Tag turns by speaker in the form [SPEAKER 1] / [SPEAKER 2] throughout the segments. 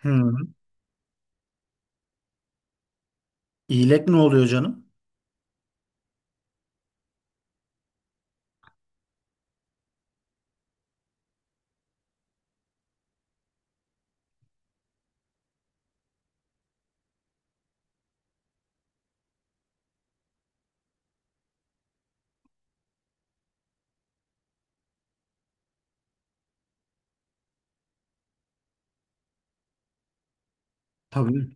[SPEAKER 1] Hı. İyilek ne oluyor canım? Tabii.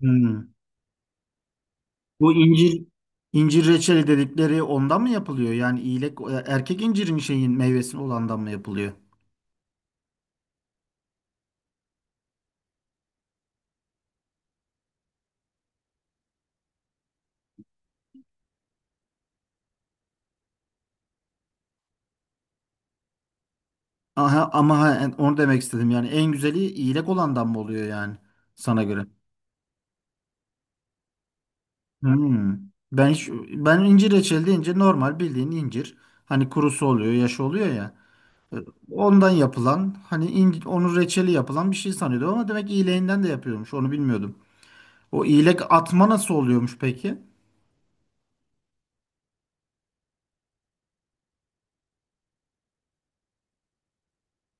[SPEAKER 1] Hı. Bu incir reçeli dedikleri ondan mı yapılıyor? Yani iyilek erkek incirin şeyin meyvesinin olandan mı yapılıyor? Aha, ama ha, onu demek istedim. Yani en güzeli iyilek olandan mı oluyor yani sana göre? Hı. Ben hiç, ben incir reçeli deyince normal bildiğin incir. Hani kurusu oluyor, yaşı oluyor ya. E, Ondan yapılan hani incir, onun reçeli yapılan bir şey sanıyordum ama demek iyileğinden de yapıyormuş. Onu bilmiyordum. O iğlek atma nasıl oluyormuş peki?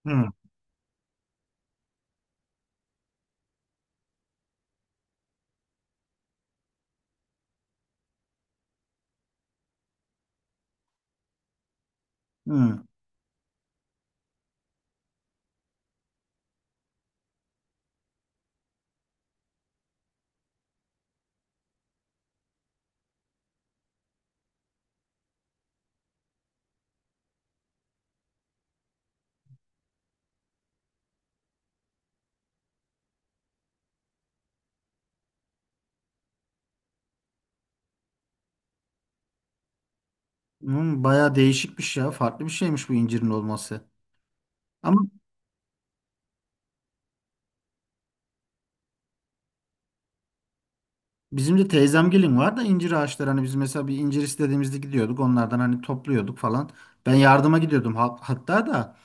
[SPEAKER 1] Hı. Hı. Hı, bayağı değişikmiş ya. Farklı bir şeymiş bu incirin olması. Ama bizim de teyzemgilin var da incir ağaçları. Hani biz mesela bir incir istediğimizde gidiyorduk. Onlardan hani topluyorduk falan. Ben yardıma gidiyordum hatta da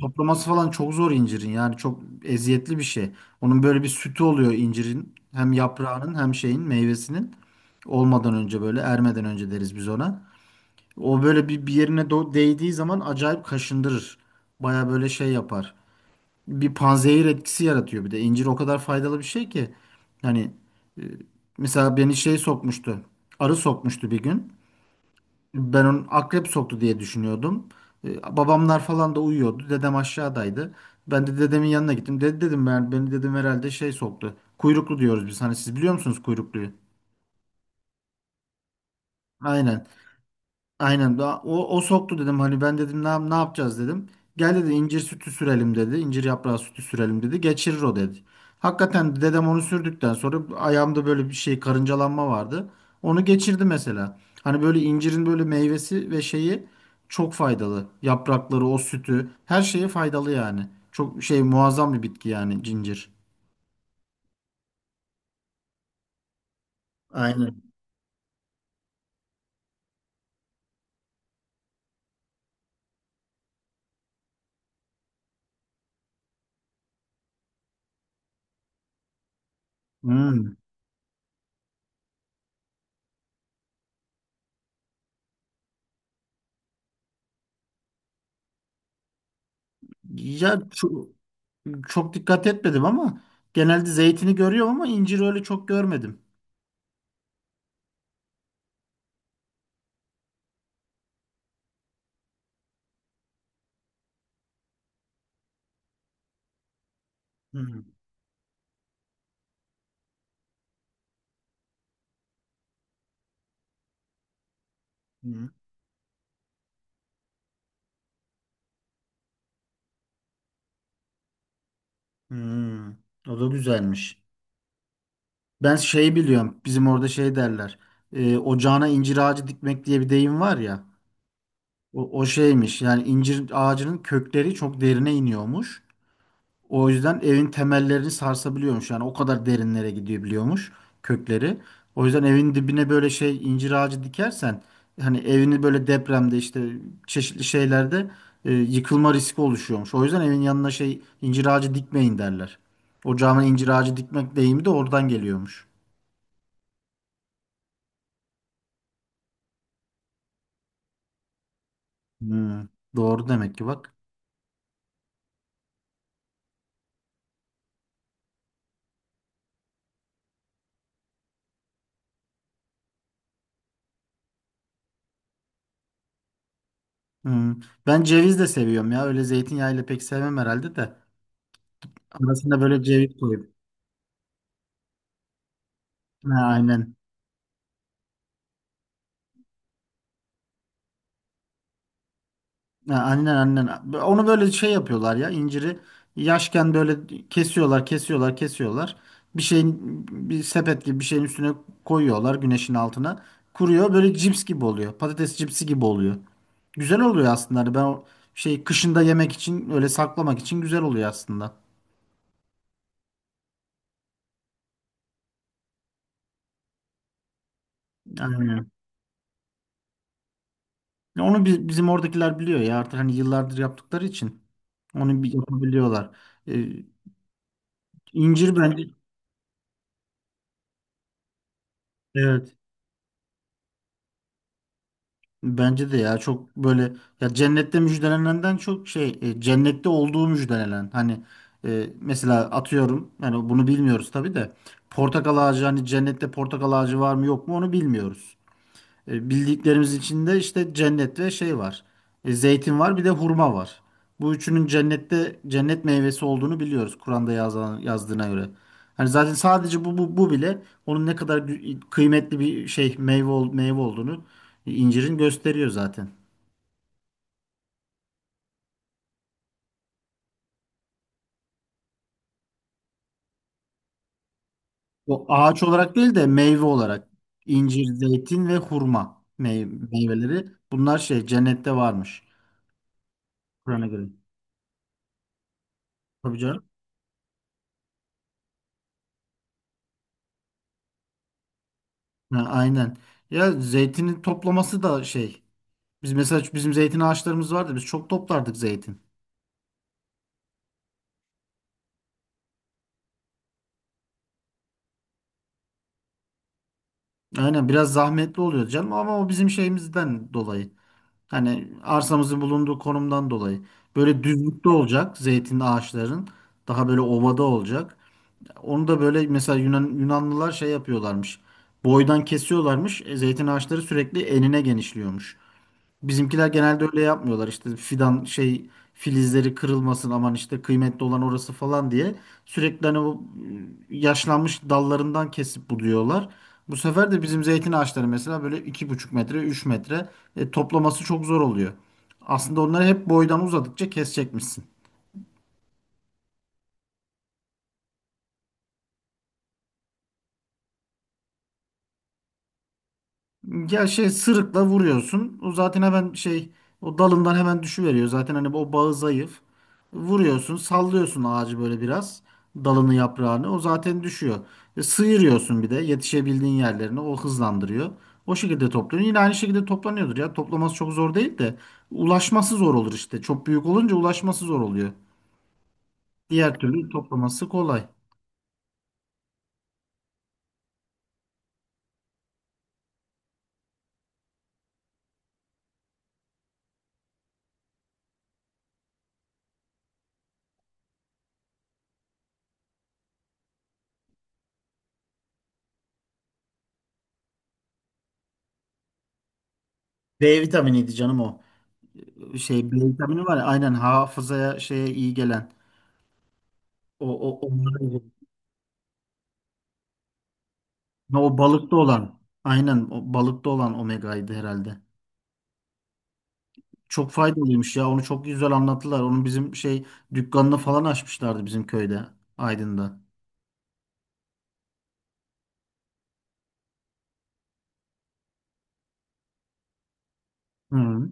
[SPEAKER 1] toplaması falan çok zor incirin. Yani çok eziyetli bir şey. Onun böyle bir sütü oluyor incirin. Hem yaprağının hem şeyin meyvesinin. Olmadan önce böyle ermeden önce deriz biz ona. O böyle bir yerine değdiği zaman acayip kaşındırır. Baya böyle şey yapar. Bir panzehir etkisi yaratıyor bir de. İncir o kadar faydalı bir şey ki. Hani e, mesela beni şey sokmuştu. Arı sokmuştu bir gün. Ben onun akrep soktu diye düşünüyordum. Babamlar falan da uyuyordu. Dedem aşağıdaydı. Ben de dedemin yanına gittim. Dedi dedim ben beni dedim herhalde şey soktu. Kuyruklu diyoruz biz. Hani siz biliyor musunuz kuyrukluyu? Aynen. O soktu dedim hani ben dedim ne yapacağız dedim. Gel dedi incir sütü sürelim dedi. İncir yaprağı sütü sürelim dedi. Geçirir o dedi. Hakikaten dedem onu sürdükten sonra ayağımda böyle bir şey karıncalanma vardı. Onu geçirdi mesela. Hani böyle incirin böyle meyvesi ve şeyi çok faydalı. Yaprakları, o sütü her şeye faydalı yani. Çok şey muazzam bir bitki yani cincir. Aynen. Hmm. Ya ço- Çok dikkat etmedim ama genelde zeytini görüyorum ama incir öyle çok görmedim. Hı hı. Hı. O da güzelmiş. Ben şey biliyorum. Bizim orada şey derler. Ocağına incir ağacı dikmek diye bir deyim var ya. O şeymiş. Yani incir ağacının kökleri çok derine iniyormuş. O yüzden evin temellerini sarsabiliyormuş. Yani o kadar derinlere gidebiliyormuş kökleri. O yüzden evin dibine böyle şey incir ağacı dikersen hani evini böyle depremde işte çeşitli şeylerde yıkılma riski oluşuyormuş. O yüzden evin yanına şey incir ağacı dikmeyin derler. Ocağıma incir ağacı dikmek deyimi de oradan geliyormuş. Hmm, doğru demek ki bak. Hmm. Ben ceviz de seviyorum ya. Öyle zeytinyağıyla pek sevmem herhalde de. Arasına böyle ceviz koyup. Ha, aynen. Ha, aynen aynen. Onu böyle şey yapıyorlar ya inciri yaşken böyle kesiyorlar. Bir şeyin Bir sepet gibi bir şeyin üstüne koyuyorlar güneşin altına. Kuruyor böyle cips gibi oluyor. Patates cipsi gibi oluyor. Güzel oluyor aslında. Hani ben o şey kışında yemek için öyle saklamak için güzel oluyor aslında. Aynen. Bizim oradakiler biliyor ya artık hani yıllardır yaptıkları için. Onu bir yapabiliyorlar. Ee, incir bence evet. Bence de ya çok böyle cennette olduğu müjdelenen hani mesela atıyorum yani bunu bilmiyoruz tabii de portakal ağacı hani cennette portakal ağacı var mı yok mu onu bilmiyoruz. Bildiklerimiz içinde işte cennet ve şey var. Zeytin var bir de hurma var. Bu üçünün cennette cennet meyvesi olduğunu biliyoruz Kur'an'da yazan, yazdığına göre. Hani zaten sadece bu bile onun ne kadar kıymetli bir şey meyve, meyve olduğunu incirin gösteriyor zaten. O ağaç olarak değil de meyve olarak incir, zeytin ve hurma meyveleri bunlar şey cennette varmış Kur'an'a göre. Tabii canım. Ha, aynen. Ya zeytinin toplaması da şey. Biz mesela bizim zeytin ağaçlarımız vardı. Biz çok toplardık zeytin. Aynen biraz zahmetli oluyor canım ama o bizim şeyimizden dolayı. Hani arsamızın bulunduğu konumdan dolayı. Böyle düzlükte olacak zeytin ağaçların. Daha böyle ovada olacak. Onu da böyle mesela Yunanlılar şey yapıyorlarmış. Boydan kesiyorlarmış. Zeytin ağaçları sürekli enine genişliyormuş. Bizimkiler genelde öyle yapmıyorlar işte fidan şey filizleri kırılmasın aman işte kıymetli olan orası falan diye sürekli hani yaşlanmış dallarından kesip buluyorlar. Bu sefer de bizim zeytin ağaçları mesela böyle 2,5 metre 3 metre toplaması çok zor oluyor. Aslında onları hep boydan uzadıkça kesecekmişsin. Ya şey sırıkla vuruyorsun. O zaten hemen şey o dalından hemen düşüveriyor. Zaten hani o bağı zayıf. Vuruyorsun, sallıyorsun ağacı böyle biraz. Dalını, yaprağını. O zaten düşüyor. Sıyırıyorsun bir de yetişebildiğin yerlerine. O hızlandırıyor. O şekilde topluyorsun. Yine aynı şekilde toplanıyordur ya. Toplaması çok zor değil de ulaşması zor olur işte. Çok büyük olunca ulaşması zor oluyor. Diğer türlü toplaması kolay. B vitaminiydi canım o. Şey B vitamini var ya aynen hafızaya şeye iyi gelen. Onları ha, o balıkta olan. Aynen o balıkta olan omegaydı herhalde. Çok faydalıymış ya. Onu çok güzel anlattılar. Onun bizim şey dükkanını falan açmışlardı bizim köyde, Aydın'da. Hı.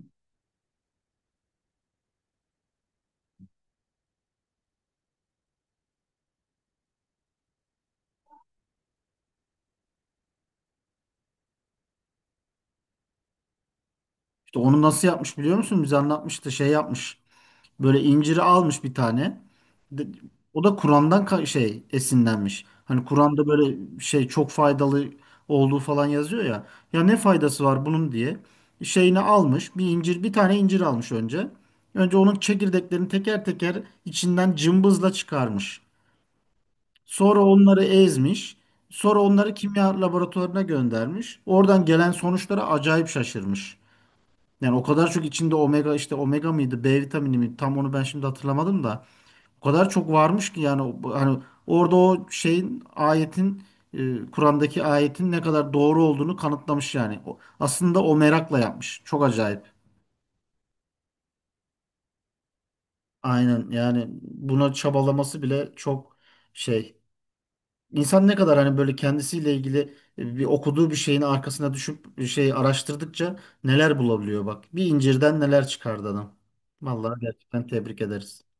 [SPEAKER 1] İşte onu nasıl yapmış biliyor musun? Bize anlatmıştı. Şey yapmış. Böyle inciri almış bir tane. De- O da Kur'an'dan şey esinlenmiş. Hani Kur'an'da böyle şey çok faydalı olduğu falan yazıyor ya. Ya ne faydası var bunun diye. Şeyini almış. Bir tane incir almış önce. Önce onun çekirdeklerini teker teker içinden cımbızla çıkarmış. Sonra onları ezmiş. Sonra onları kimya laboratuvarına göndermiş. Oradan gelen sonuçlara acayip şaşırmış. Yani o kadar çok içinde omega işte omega mıydı, B vitamini mi tam onu ben şimdi hatırlamadım da. O kadar çok varmış ki yani hani orada o şeyin ayetin e, Kur'an'daki ayetin ne kadar doğru olduğunu kanıtlamış yani. Aslında o merakla yapmış. Çok acayip. Aynen yani buna çabalaması bile çok şey. İnsan ne kadar hani böyle kendisiyle ilgili okuduğu bir şeyin arkasına düşüp bir şey araştırdıkça neler bulabiliyor bak. Bir incirden neler çıkardı adam. Vallahi gerçekten tebrik ederiz.